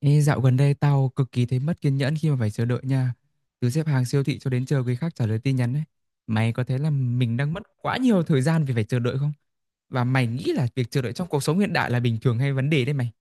Ê, dạo gần đây tao cực kỳ thấy mất kiên nhẫn khi mà phải chờ đợi nha. Từ xếp hàng siêu thị cho đến chờ người khác trả lời tin nhắn ấy. Mày có thấy là mình đang mất quá nhiều thời gian vì phải chờ đợi không? Và mày nghĩ là việc chờ đợi trong cuộc sống hiện đại là bình thường hay vấn đề đấy mày?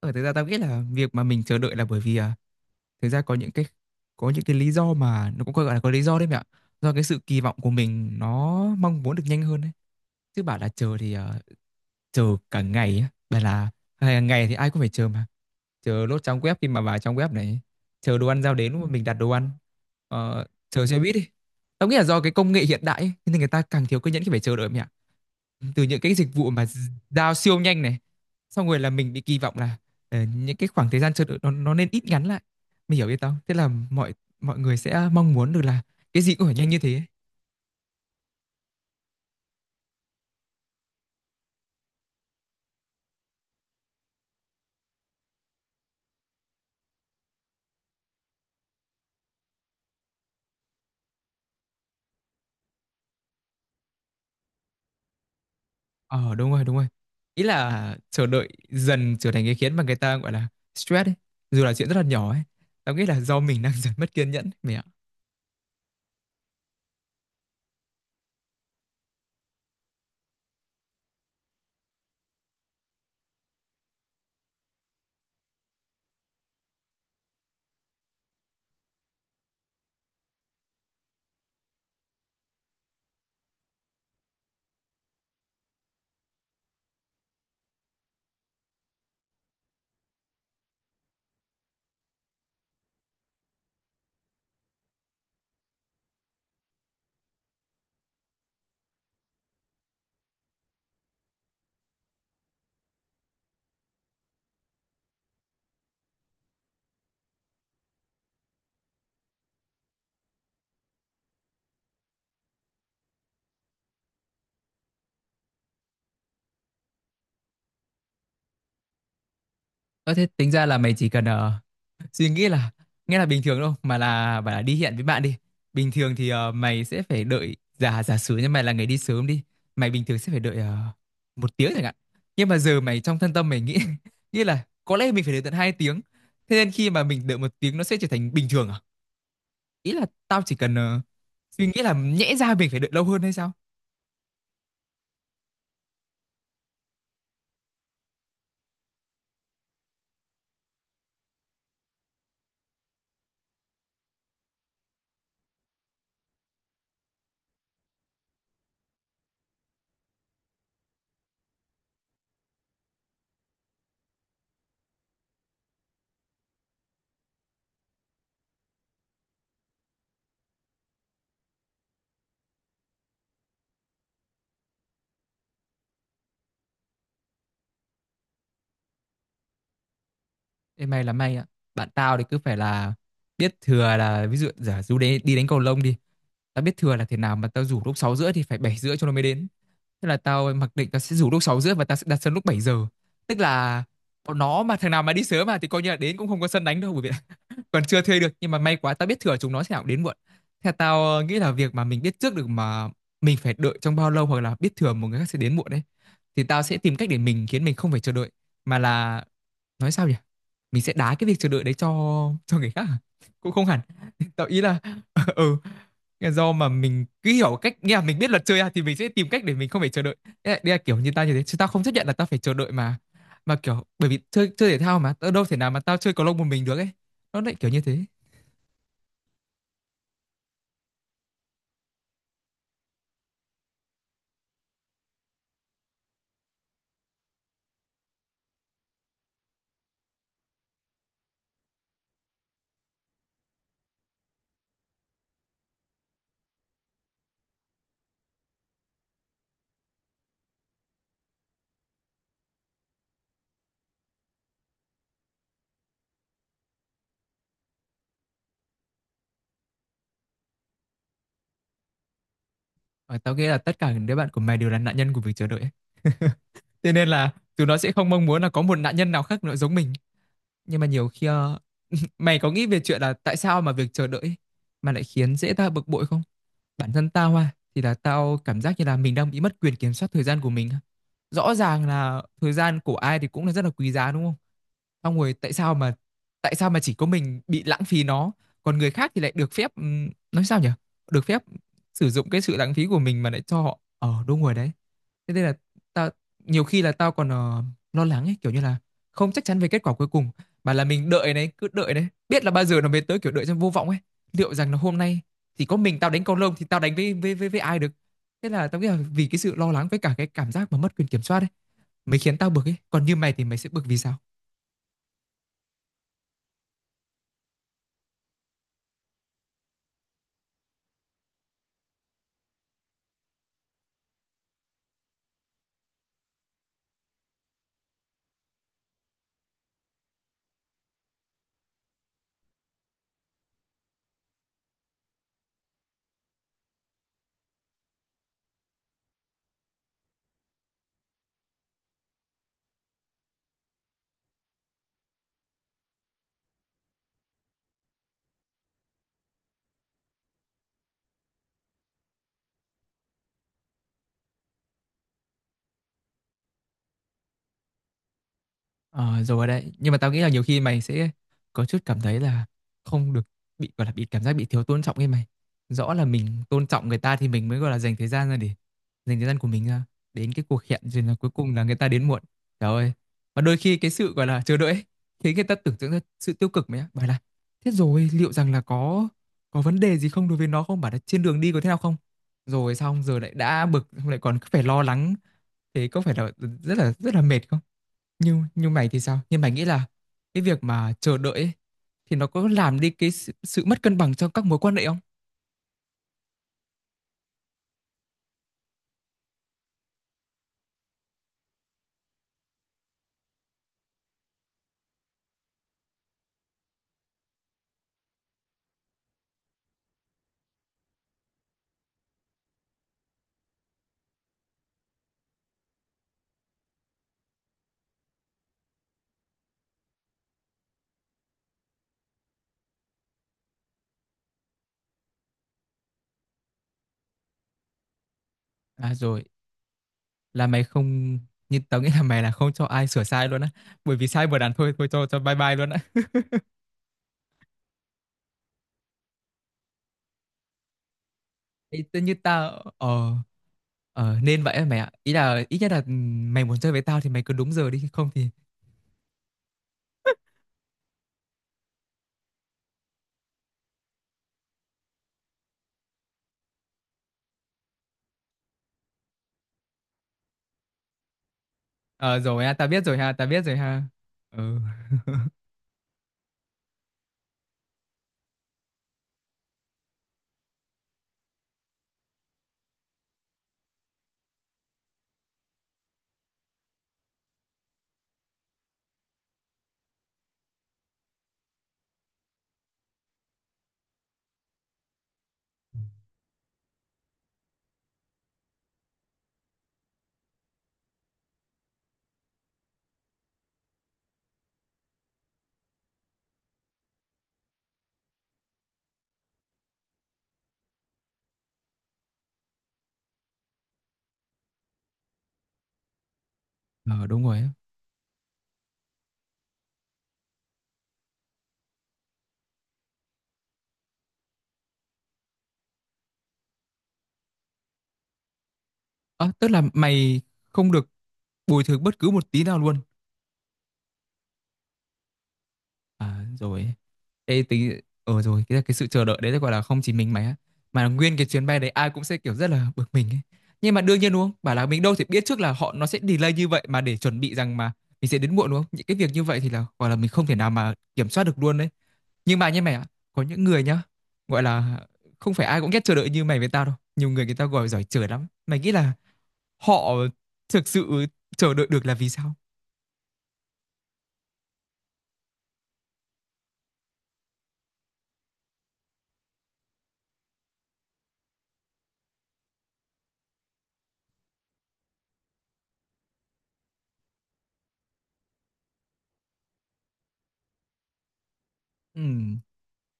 Thực ra tao nghĩ là việc mà mình chờ đợi là bởi vì thực ra có những cái lý do mà nó cũng gọi là có lý do đấy mẹ ạ. Do cái sự kỳ vọng của mình nó mong muốn được nhanh hơn đấy. Chứ bảo là chờ thì chờ cả ngày á. Bảo là hàng ngày thì ai cũng phải chờ mà, chờ lốt trong web khi mà vào trong web này, chờ đồ ăn giao đến lúc mà mình đặt đồ ăn, chờ xe buýt đi. Tao nghĩ là do cái công nghệ hiện đại ấy, nên người ta càng thiếu kiên nhẫn khi phải chờ đợi mẹ, từ những cái dịch vụ mà giao siêu nhanh này, xong rồi là mình bị kỳ vọng là những cái khoảng thời gian chờ đợi nó nên ít ngắn lại. Mình hiểu biết không, thế là mọi mọi người sẽ mong muốn được là cái gì cũng phải nhanh như thế ấy. Ờ, đúng rồi, đúng rồi, ý là chờ đợi dần trở thành cái khiến mà người ta gọi là stress ấy, dù là chuyện rất là nhỏ ấy. Tao nghĩ là do mình đang dần mất kiên nhẫn mày ạ. Có thế, tính ra là mày chỉ cần suy nghĩ là nghe là bình thường đâu mà, là bảo là đi hẹn với bạn đi, bình thường thì mày sẽ phải đợi, giả giả sử như mày là người đi sớm đi, mày bình thường sẽ phải đợi một tiếng chẳng hạn. Nhưng mà giờ mày trong thân tâm mày nghĩ nghĩ là có lẽ mình phải đợi tận hai tiếng, thế nên khi mà mình đợi một tiếng nó sẽ trở thành bình thường à. Ý là tao chỉ cần suy nghĩ là nhẽ ra mình phải đợi lâu hơn hay sao. Ê, may là may ạ, bạn tao thì cứ phải là biết thừa là ví dụ giả dụ đấy, đi đánh cầu lông đi, tao biết thừa là thế nào mà tao rủ lúc 6 rưỡi thì phải 7 rưỡi cho nó mới đến. Thế là tao mặc định tao sẽ rủ lúc 6 rưỡi và tao sẽ đặt sân lúc 7 giờ. Tức là bọn nó mà thằng nào mà đi sớm mà thì coi như là đến cũng không có sân đánh đâu, bởi vì còn chưa thuê được. Nhưng mà may quá tao biết thừa chúng nó sẽ nào đến muộn. Theo tao nghĩ là việc mà mình biết trước được mà mình phải đợi trong bao lâu, hoặc là biết thừa một người khác sẽ đến muộn đấy, thì tao sẽ tìm cách để mình khiến mình không phải chờ đợi, mà là nói sao nhỉ, mình sẽ đá cái việc chờ đợi đấy cho người khác à? Cũng không hẳn tao ý là ừ, do mà mình cứ hiểu cách nghĩa là mình biết luật chơi à, thì mình sẽ tìm cách để mình không phải chờ đợi. Đây là kiểu như tao như thế, chứ tao không chấp nhận là tao phải chờ đợi mà kiểu bởi vì chơi chơi thể thao mà tao đâu thể nào mà tao chơi cầu lông một mình được ấy, nó lại kiểu như thế. Ờ, tao nghĩ là tất cả những đứa bạn của mày đều là nạn nhân của việc chờ đợi ấy. Thế nên là tụi nó sẽ không mong muốn là có một nạn nhân nào khác nữa giống mình. Nhưng mà nhiều khi mày có nghĩ về chuyện là tại sao mà việc chờ đợi ấy mà lại khiến dễ ta bực bội không? Bản thân tao à, thì là tao cảm giác như là mình đang bị mất quyền kiểm soát thời gian của mình. Rõ ràng là thời gian của ai thì cũng là rất là quý giá đúng không? Xong rồi tại sao mà, tại sao mà chỉ có mình bị lãng phí nó, còn người khác thì lại được phép nói sao nhỉ? Được phép sử dụng cái sự lãng phí của mình mà lại cho họ ở đúng rồi đấy. Thế nên là tao nhiều khi là tao còn lo lắng ấy, kiểu như là không chắc chắn về kết quả cuối cùng, mà là mình đợi đấy, cứ đợi đấy, biết là bao giờ nó mới tới, kiểu đợi trong vô vọng ấy. Liệu rằng là hôm nay thì có mình tao đánh con lông thì tao đánh với ai được? Thế là tao nghĩ là vì cái sự lo lắng với cả cái cảm giác mà mất quyền kiểm soát ấy, mới khiến tao bực ấy. Còn như mày thì mày sẽ bực vì sao? Ờ, rồi đấy, nhưng mà tao nghĩ là nhiều khi mày sẽ có chút cảm thấy là không được, bị gọi là bị cảm giác bị thiếu tôn trọng ấy mày, rõ là mình tôn trọng người ta thì mình mới gọi là dành thời gian ra để dành thời gian của mình ra đến cái cuộc hẹn, rồi là cuối cùng là người ta đến muộn. Trời ơi! Và đôi khi cái sự gọi là chờ đợi ấy, khiến người ta tưởng tượng ra sự tiêu cực mày á, bảo là thế rồi liệu rằng là có vấn đề gì không đối với nó không, bảo là trên đường đi có thế nào không, rồi xong giờ lại đã bực xong lại còn cứ phải lo lắng. Thế có phải là rất là rất là mệt không? Nhưng mày thì sao, nhưng mày nghĩ là cái việc mà chờ đợi ấy, thì nó có làm đi cái sự mất cân bằng trong các mối quan hệ không? À rồi, là mày không, như tao nghĩ là mày là không cho ai sửa sai luôn á, bởi vì sai một đàn thôi thôi cho bye bye luôn á. Ý, tự như tao, ờ nên vậy á mày ạ, ý là ít nhất là mày muốn chơi với tao thì mày cứ đúng giờ đi không thì... Ờ rồi ha, tao biết rồi ha, tao biết rồi ha. Ừ. Ờ đúng rồi á. Ờ, tức là mày không được bồi thường bất cứ một tí nào luôn. À rồi. Ê, tính rồi cái sự chờ đợi đấy là gọi là không chỉ mình mày á, mà là nguyên cái chuyến bay đấy ai cũng sẽ kiểu rất là bực mình ấy. Nhưng mà đương nhiên đúng không, bảo là mình đâu thể biết trước là họ nó sẽ delay như vậy mà để chuẩn bị rằng mà mình sẽ đến muộn đúng không. Những cái việc như vậy thì là gọi là mình không thể nào mà kiểm soát được luôn đấy. Nhưng mà như mày ạ, có những người nhá, gọi là không phải ai cũng ghét chờ đợi như mày với tao đâu, nhiều người người ta gọi giỏi chờ lắm. Mày nghĩ là họ thực sự chờ đợi được là vì sao? Ừ.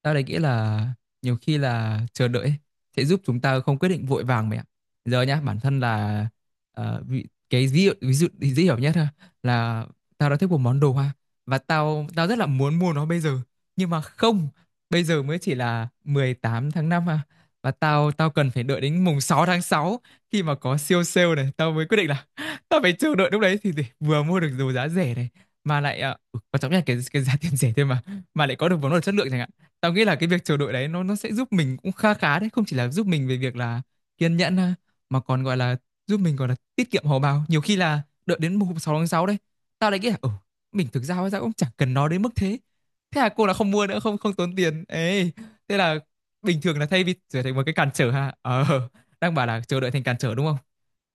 Tao đấy nghĩ là nhiều khi là chờ đợi ấy, sẽ giúp chúng ta không quyết định vội vàng mẹ ạ. Giờ nhá, bản thân là cái ví dụ dễ hiểu nhất ha, là tao đã thích một món đồ hoa, và tao tao rất là muốn mua nó bây giờ. Nhưng mà không, bây giờ mới chỉ là 18/5 à, và tao tao cần phải đợi đến mùng 6/6, khi mà có siêu sale này, tao mới quyết định là tao phải chờ đợi lúc đấy thì vừa mua được đồ giá rẻ này, mà lại quan trọng nhất là cái giá tiền rẻ thôi mà lại có được món đồ chất lượng chẳng hạn. Tao nghĩ là cái việc chờ đợi đấy nó sẽ giúp mình cũng kha khá đấy, không chỉ là giúp mình về việc là kiên nhẫn ha, mà còn gọi là giúp mình gọi là tiết kiệm hầu bao. Nhiều khi là đợi đến mùng 6 tháng sáu đấy tao lại nghĩ là ừ, mình thực ra hóa ra cũng chẳng cần nó đến mức thế, thế là cô là không mua nữa, không không tốn tiền ấy. Thế là bình thường là thay vì trở thành một cái cản trở ha, đang bảo là chờ đợi thành cản trở đúng không,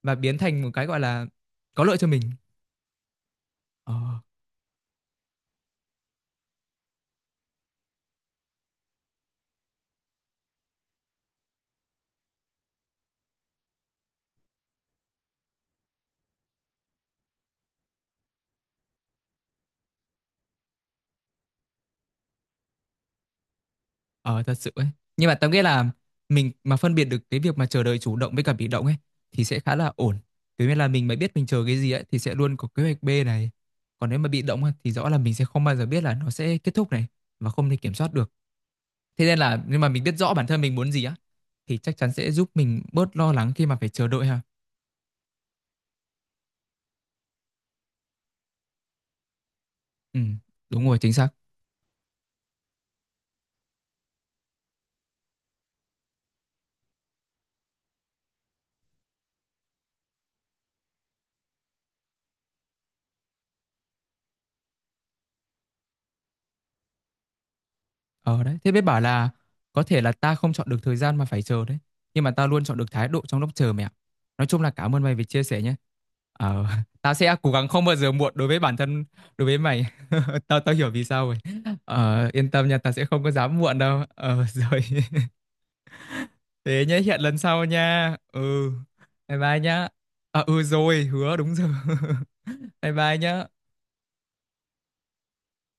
và biến thành một cái gọi là có lợi cho mình. Ờ. Ờ thật sự ấy. Nhưng mà tao nghĩ là mình mà phân biệt được cái việc mà chờ đợi chủ động với cả bị động ấy thì sẽ khá là ổn. Thế nên là mình mà biết mình chờ cái gì ấy thì sẽ luôn có kế hoạch B này. Còn nếu mà bị động ấy, thì rõ là mình sẽ không bao giờ biết là nó sẽ kết thúc này, và không thể kiểm soát được. Thế nên là nhưng mà mình biết rõ bản thân mình muốn gì á, thì chắc chắn sẽ giúp mình bớt lo lắng khi mà phải chờ đợi ha. Ừ, đúng rồi, chính xác. Ờ đấy, thế biết bảo là có thể là ta không chọn được thời gian mà phải chờ đấy. Nhưng mà ta luôn chọn được thái độ trong lúc chờ mẹ ạ. Nói chung là cảm ơn mày vì chia sẻ nhé. Ờ, tao sẽ cố gắng không bao giờ muộn đối với bản thân, đối với mày. Tao tao hiểu vì sao rồi. Ờ, yên tâm nha, tao sẽ không có dám muộn đâu. Ờ, rồi. Thế nhé, hẹn lần sau nha. Ừ, bye bye nhá. À, ừ rồi, hứa đúng giờ. Bye bye nhá.